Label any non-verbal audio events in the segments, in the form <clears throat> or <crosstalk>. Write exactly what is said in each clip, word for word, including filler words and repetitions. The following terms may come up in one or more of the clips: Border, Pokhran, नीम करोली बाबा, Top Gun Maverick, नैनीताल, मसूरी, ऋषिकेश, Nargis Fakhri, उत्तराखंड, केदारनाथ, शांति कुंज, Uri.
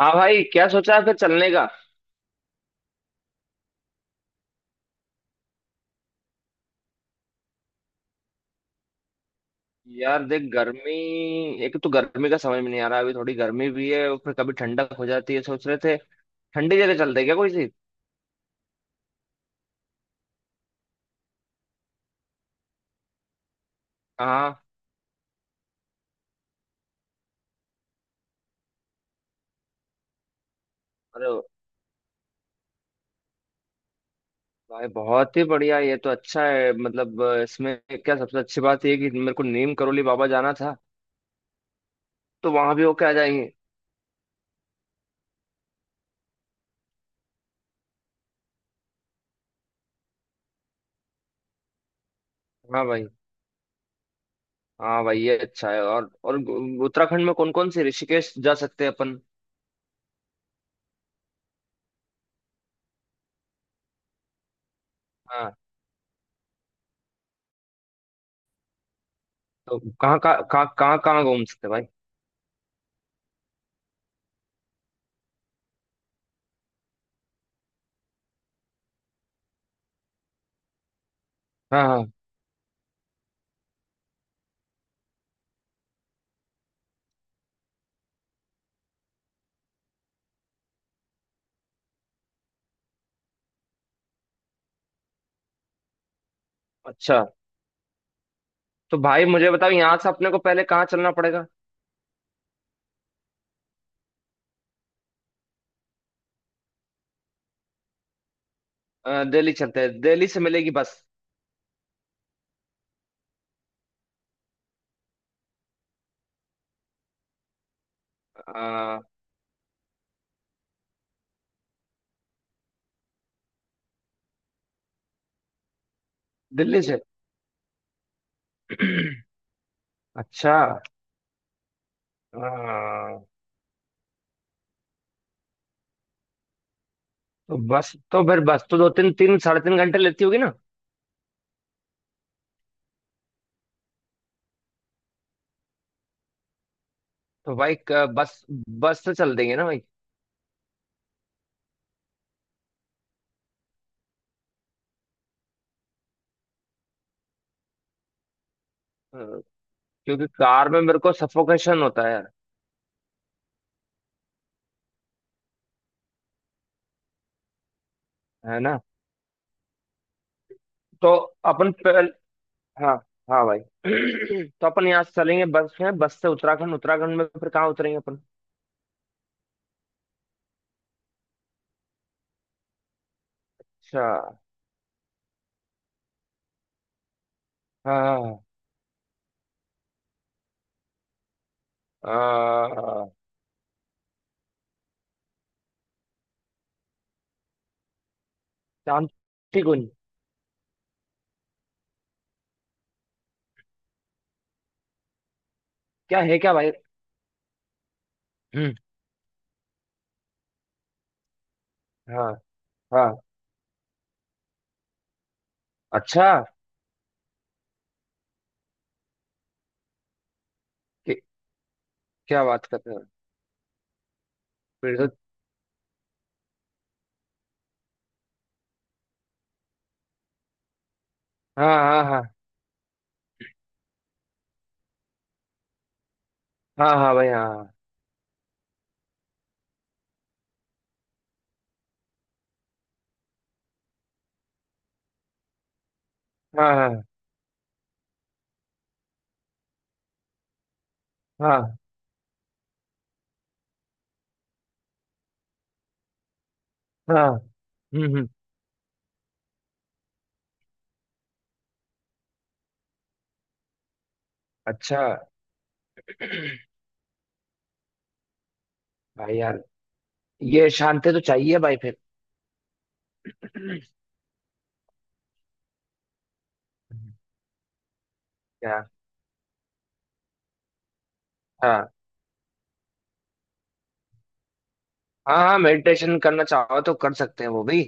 हाँ भाई, क्या सोचा है फिर चलने का? यार, देख गर्मी। एक तो गर्मी का समझ में नहीं आ रहा, अभी थोड़ी गर्मी भी है और फिर कभी ठंडक हो जाती है। सोच रहे थे ठंडी जगह चलते हैं क्या कोई सी। हाँ। अरे भाई बहुत ही बढ़िया, ये तो अच्छा है। मतलब अ, इसमें क्या सबसे अच्छी बात ये है कि मेरे को नीम करोली बाबा जाना था। तो वहां भी होके आ जाएंगे। हाँ भाई। हाँ भाई, ये अच्छा है। और और उत्तराखंड में कौन कौन से ऋषिकेश जा सकते हैं अपन? हाँ। तो कहाँ कहाँ कहाँ कहाँ कहाँ घूम सकते हैं भाई? हाँ हाँ। अच्छा। तो भाई मुझे बताओ यहाँ से अपने को पहले कहाँ चलना पड़ेगा? अ, दिल्ली चलते हैं। दिल्ली से मिलेगी बस? अ, दिल्ली से। <clears throat> अच्छा। अ, तो बस तो फिर बस तो दो तीन तीन साढ़े तीन घंटे लेती होगी ना? तो भाई क- बस बस से चल देंगे ना भाई? अ, क्योंकि कार में मेरे को सफोकेशन होता है। है ना? तो अपन पहल हाँ, हाँ भाई। <clears throat> तो अपन यहाँ से चलेंगे बस में, बस से उत्तराखंड उत्तराखंड में फिर कहाँ उतरेंगे अपन? अच्छा। हाँ हाँ, हाँ। अ, शांति कुंज क्या है क्या भाई? हम्म। हाँ हाँ। अच्छा। कि, क्या बात कर रहे हो? फिर तो। हाँ हाँ हाँ। हाँ हाँ भाई। हाँ हाँ हाँ। हाँ हाँ। हम्म। हम्म। अच्छा। भाई यार, ये शांति तो चाहिए भाई फिर। क्या? हाँ हाँ हाँ, मेडिटेशन करना चाहो तो कर सकते हैं वो भी।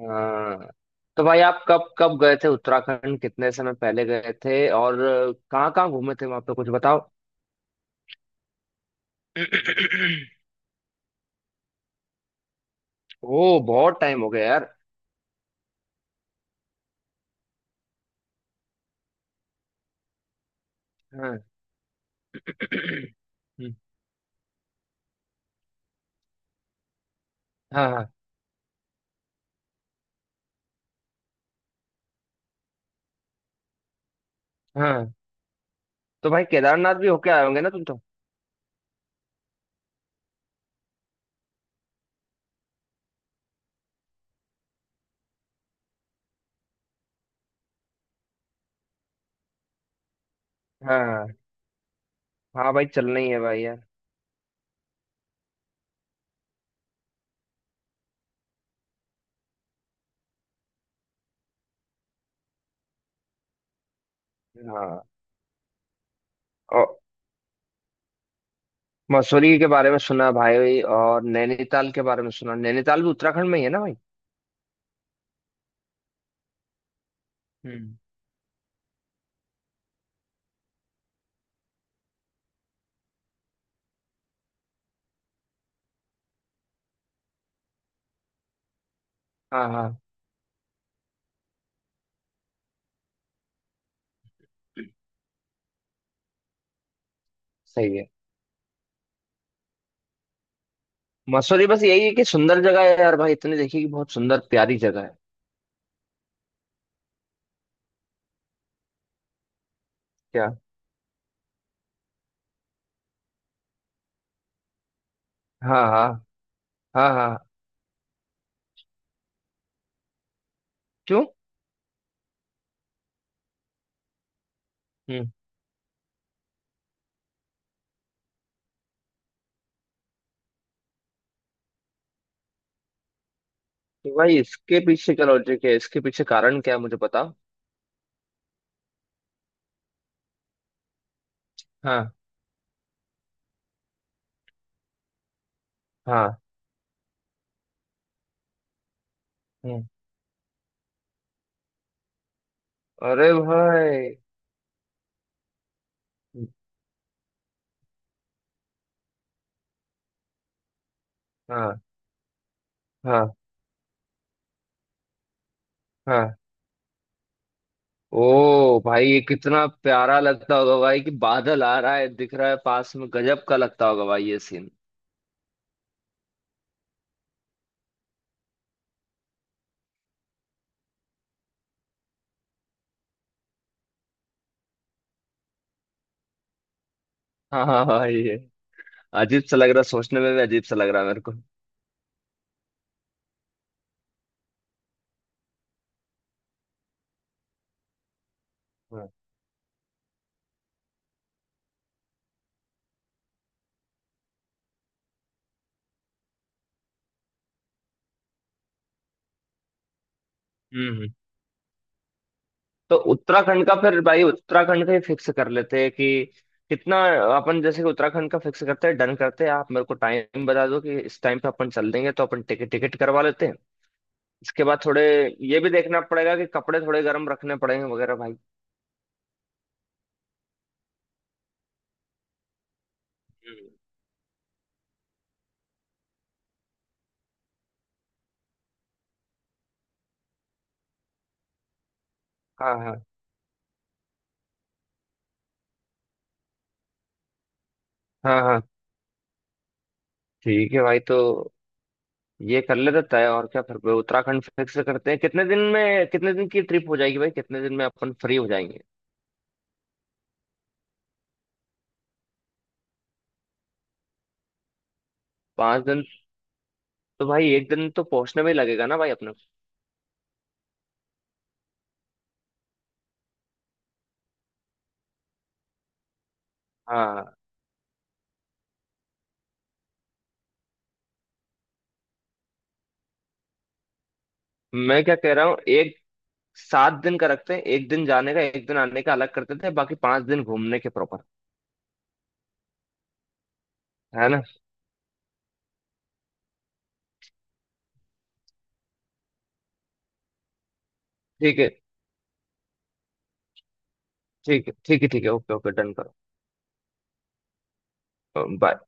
हाँ, तो भाई आप कब कब गए थे उत्तराखंड, कितने समय पहले गए थे और कहाँ कहाँ घूमे थे वहां पे कुछ बताओ। ओ, बहुत टाइम हो गया यार। हाँ। <clears throat> हम्म। हाँ हाँ हाँ। तो भाई केदारनाथ भी होके आए होंगे ना तुम तो? हाँ हाँ भाई, चलना ही है भाई यार। हाँ। और मसूरी के बारे में सुना भाई, और नैनीताल के बारे में सुना। नैनीताल भी उत्तराखंड में ही है ना भाई? हम्म। हाँ हाँ। सही है। मसूरी बस यही है कि सुंदर जगह है यार भाई, इतनी देखिए कि बहुत सुंदर प्यारी जगह है। क्या? हाँ हाँ। हाँ हाँ। क्यों? हम्म। तो भाई इसके पीछे क्या लॉजिक है, इसके पीछे कारण क्या है मुझे बताओ। हाँ। हाँ। हम्म। अरे भाई। हाँ हाँ हाँ। ओ भाई, ये कितना प्यारा लगता होगा भाई कि बादल आ रहा है दिख रहा है पास में। गजब का लगता होगा भाई ये सीन। हाँ हाँ भाई, ये अजीब सा लग रहा है, सोचने में भी अजीब सा लग रहा है मेरे को। हाँ। हम्म। तो उत्तराखंड का फिर भाई, उत्तराखंड का ही फिक्स कर लेते हैं कि कितना। अपन जैसे कि उत्तराखंड का फिक्स करते हैं, डन करते हैं, आप मेरे को टाइम बता दो कि इस टाइम पे अपन चल देंगे तो अपन टिकट टिकट करवा लेते हैं। इसके बाद थोड़े ये भी देखना पड़ेगा कि कपड़े थोड़े गर्म रखने पड़ेंगे वगैरह भाई। हम्म। हाँ हाँ। हाँ हाँ। ठीक है भाई, तो ये कर लेते तय और क्या। फिर उत्तराखंड फिक्स करते हैं, कितने दिन में, कितने दिन की ट्रिप हो जाएगी भाई, कितने दिन में अपन फ्री हो जाएंगे? पांच दिन? तो भाई एक दिन तो पहुंचने में ही लगेगा ना भाई अपने को। हाँ। मैं क्या कह रहा हूँ, एक सात दिन का रखते हैं, एक दिन जाने का एक दिन आने का अलग करते थे, बाकी पांच दिन घूमने के प्रॉपर। है ना? ठीक है, ठीक है, ठीक है। ठीक है। ओके ओके, डन करो। बाय।